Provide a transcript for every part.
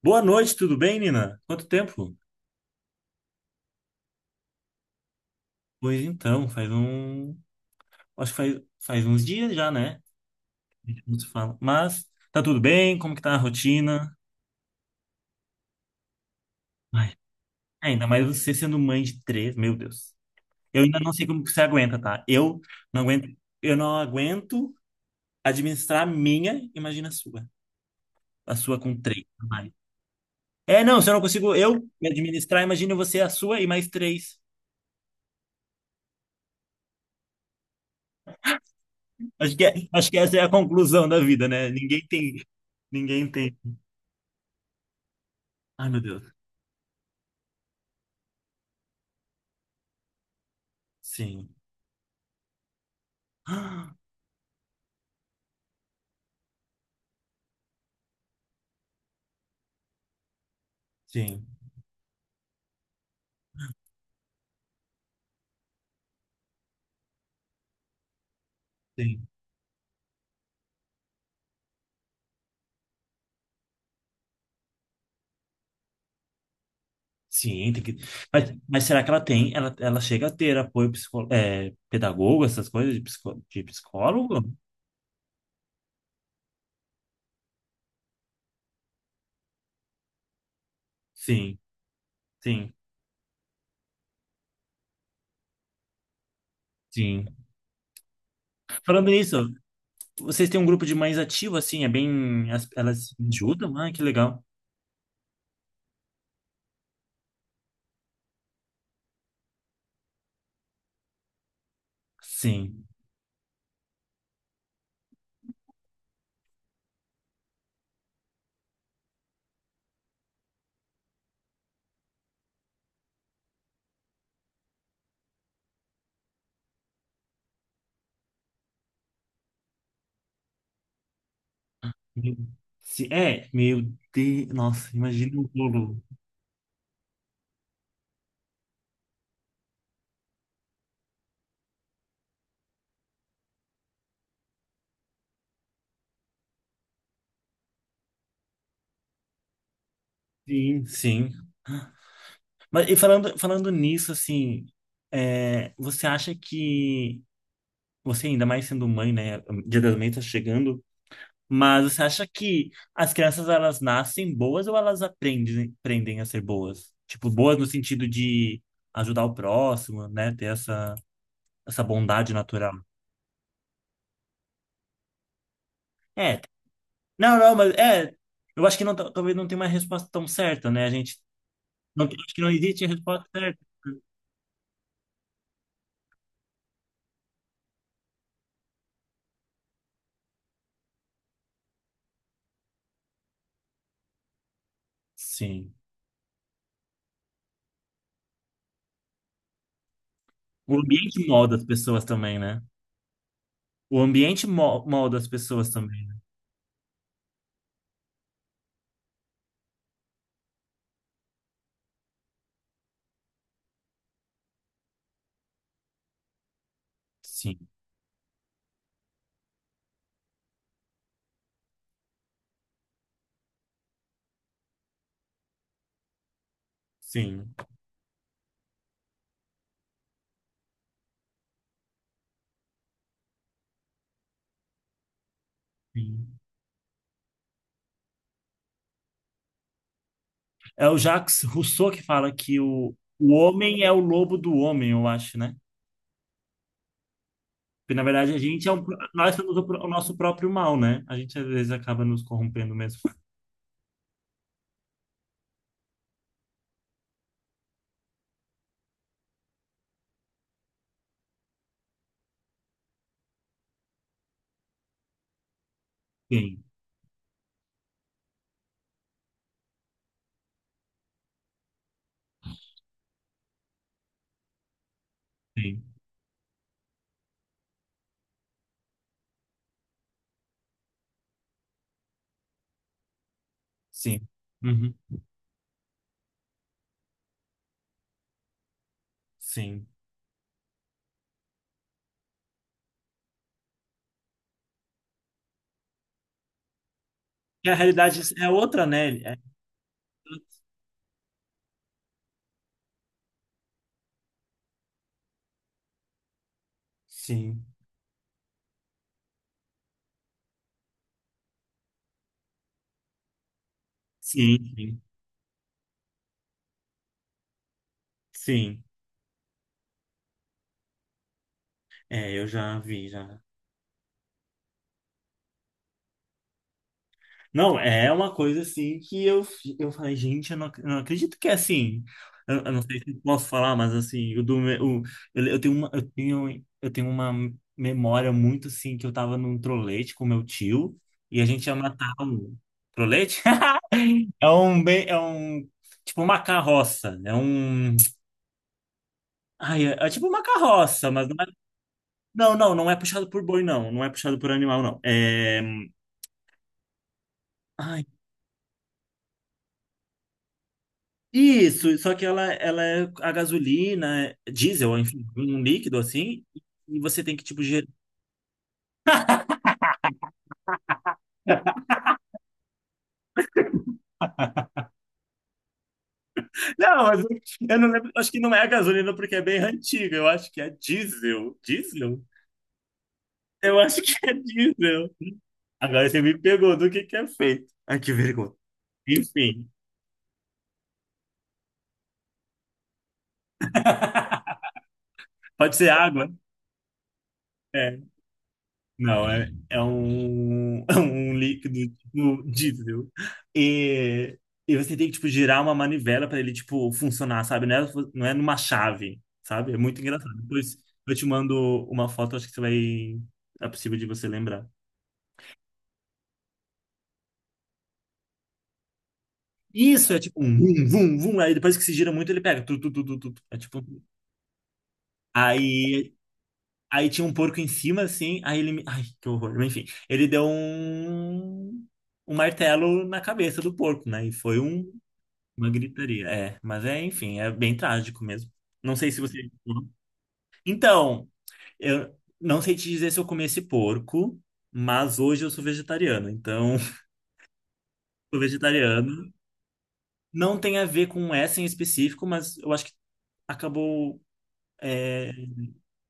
Boa noite, tudo bem, Nina? Quanto tempo? Pois então, faz um. Acho que faz uns dias já, né? A gente não se fala. Mas tá tudo bem? Como que tá a rotina? Ai, ainda mais você sendo mãe de três, meu Deus. Eu ainda não sei como que você aguenta, tá? Não aguento, eu não aguento administrar a minha, imagina a sua. A sua com três. Ai. É, não, se eu não consigo eu me administrar, imagina você a sua e mais três. Acho que, acho que essa é a conclusão da vida, né? Ninguém tem. Ninguém tem. Ai, meu Deus. Sim. Sim, sim. Sim, tem que... Mas será que ela tem? Ela chega a ter apoio psico... é, pedagogo, essas coisas de, psico... de psicólogo? Sim, sim, sim. Falando nisso, vocês têm um grupo de mães ativo, assim, é bem. Elas se ajudam? Ah, que legal. Sim. Sim. É, meu Deus. Nossa, imagina o bolo. Sim, sim. Mas e falando nisso, assim, é, você acha que você ainda mais sendo mãe, né? Dia das Mães tá chegando. Mas você acha que as crianças elas nascem boas ou elas aprendem a ser boas? Tipo, boas no sentido de ajudar o próximo, né? Ter essa, essa bondade natural. É. Não, não, mas é. Eu acho que não, talvez não tenha uma resposta tão certa, né? A gente não, acho que não existe a resposta certa. Sim. O ambiente molda as pessoas também, né? O ambiente molda as pessoas também, né? Sim. Sim. Sim. É o Jacques Rousseau que fala que o homem é o lobo do homem, eu acho, né? Porque, na verdade, a gente é um, nós somos o, o nosso próprio mal, né? A gente, às vezes, acaba nos corrompendo mesmo. Sim, sim, sim. Uhum, sim. E a realidade é outra, né? É- Sim, sim, sim. Sim. É, eu já vi, já. Não, é uma coisa assim que eu, eu falei, gente, eu não, eu não acredito que é assim. Eu não sei se eu posso falar, mas assim, eu, do, eu tenho uma memória muito assim que eu tava num trolete com meu tio e a gente ia matar um trolete? É um tipo uma carroça, é um ai, é, é tipo uma carroça, mas não é, não é puxado por boi, não. Não é puxado por animal, não. É. Isso, só que ela é a gasolina, diesel, enfim, um líquido assim, e você tem que, tipo, gerar. Não, mas eu não lembro, acho que não é a gasolina porque é bem antiga, eu acho que é diesel. Diesel? Eu acho que é diesel. Agora você me pegou do que é feito. Ai, que vergonha. Enfim, pode ser água? É. Não, é, é um, é um líquido, tipo, diesel. E, e você tem que, tipo, girar uma manivela para ele, tipo, funcionar, sabe? Não é, não é numa chave, sabe? É muito engraçado. Depois eu te mando uma foto, acho que você vai... É possível de você lembrar. Isso, é tipo um vum, vum, vum. Aí depois que se gira muito, ele pega. Tu, tu, tu, tu, tu, tu. É tipo... Aí, aí tinha um porco em cima, assim. Aí ele me... Ai, que horror. Mas, enfim, ele deu um... um martelo na cabeça do porco, né? E foi um uma gritaria, é. Mas é, enfim, é bem trágico mesmo. Não sei se você. Então, eu não sei te dizer se eu comi esse porco, mas hoje eu sou vegetariano. Então, sou vegetariano. Não tem a ver com essa em específico, mas eu acho que acabou. É,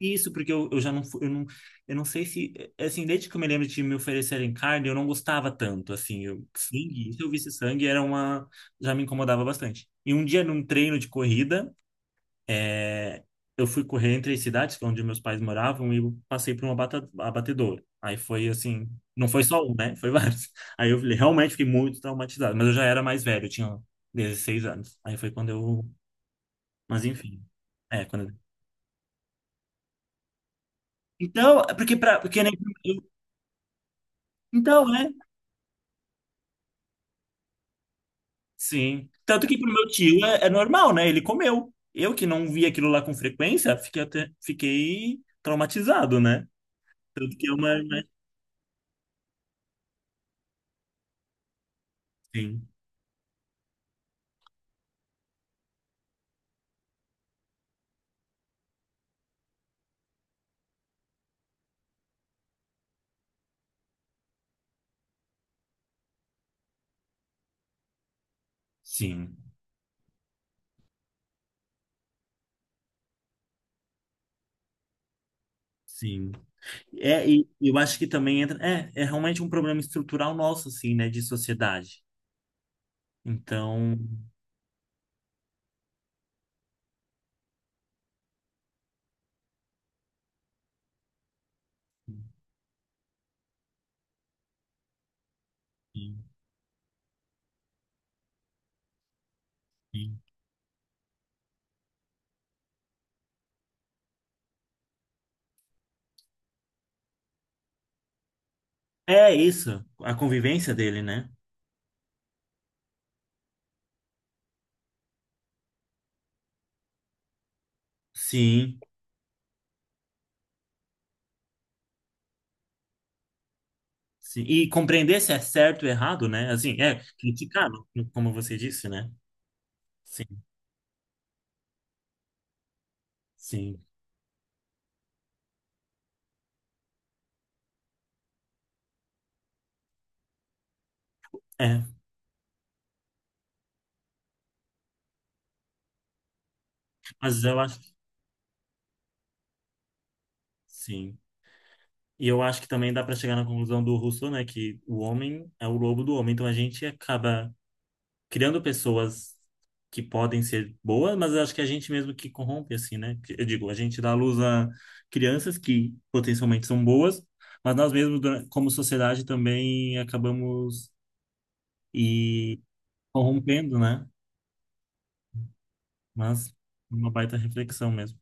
isso, porque eu já não, eu não, eu não sei se, assim, desde que eu me lembro de me oferecerem carne, eu não gostava tanto, assim, eu, sangue, se eu visse sangue, era uma, já me incomodava bastante. E um dia num treino de corrida, é, eu fui correr entre as cidades, que é onde meus pais moravam, e eu passei por uma abatedor. Aí foi assim, não foi só um, né? Foi vários. Aí eu falei, realmente fiquei muito traumatizado, mas eu já era mais velho, eu tinha 16 anos. Aí foi quando eu, mas enfim. É, quando então, é porque para, porque nem então, né? Sim. Tanto que pro meu tio é, é normal, né? Ele comeu. Eu que não vi aquilo lá com frequência, fiquei traumatizado, né? Tanto que é uma, né? Sim. Sim. Sim. É, e eu acho que também entra. É, é realmente um problema estrutural nosso, assim, né, de sociedade. Então. Sim, sim. É isso, a convivência dele, né? Sim, sim. E compreender se é certo ou errado, né? Assim, é, criticar, como você disse, né? Sim, sim. É, mas eu acho que sim. E eu acho que também dá para chegar na conclusão do Rousseau, né? Que o homem é o lobo do homem, então a gente acaba criando pessoas que podem ser boas, mas eu acho que é a gente mesmo que corrompe, assim, né? Que- Eu digo, a gente dá à luz a crianças que potencialmente são boas, mas nós mesmos, como sociedade, também acabamos e corrompendo, né? Mas uma baita reflexão mesmo.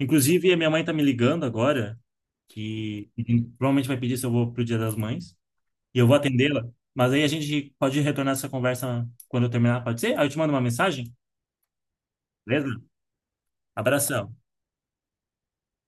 Inclusive, a minha mãe tá me ligando agora, que provavelmente vai pedir se eu vou pro Dia das Mães, e eu vou atendê-la. Mas aí a gente pode retornar essa conversa quando eu terminar, pode ser? Aí eu te mando uma mensagem, beleza? Abração.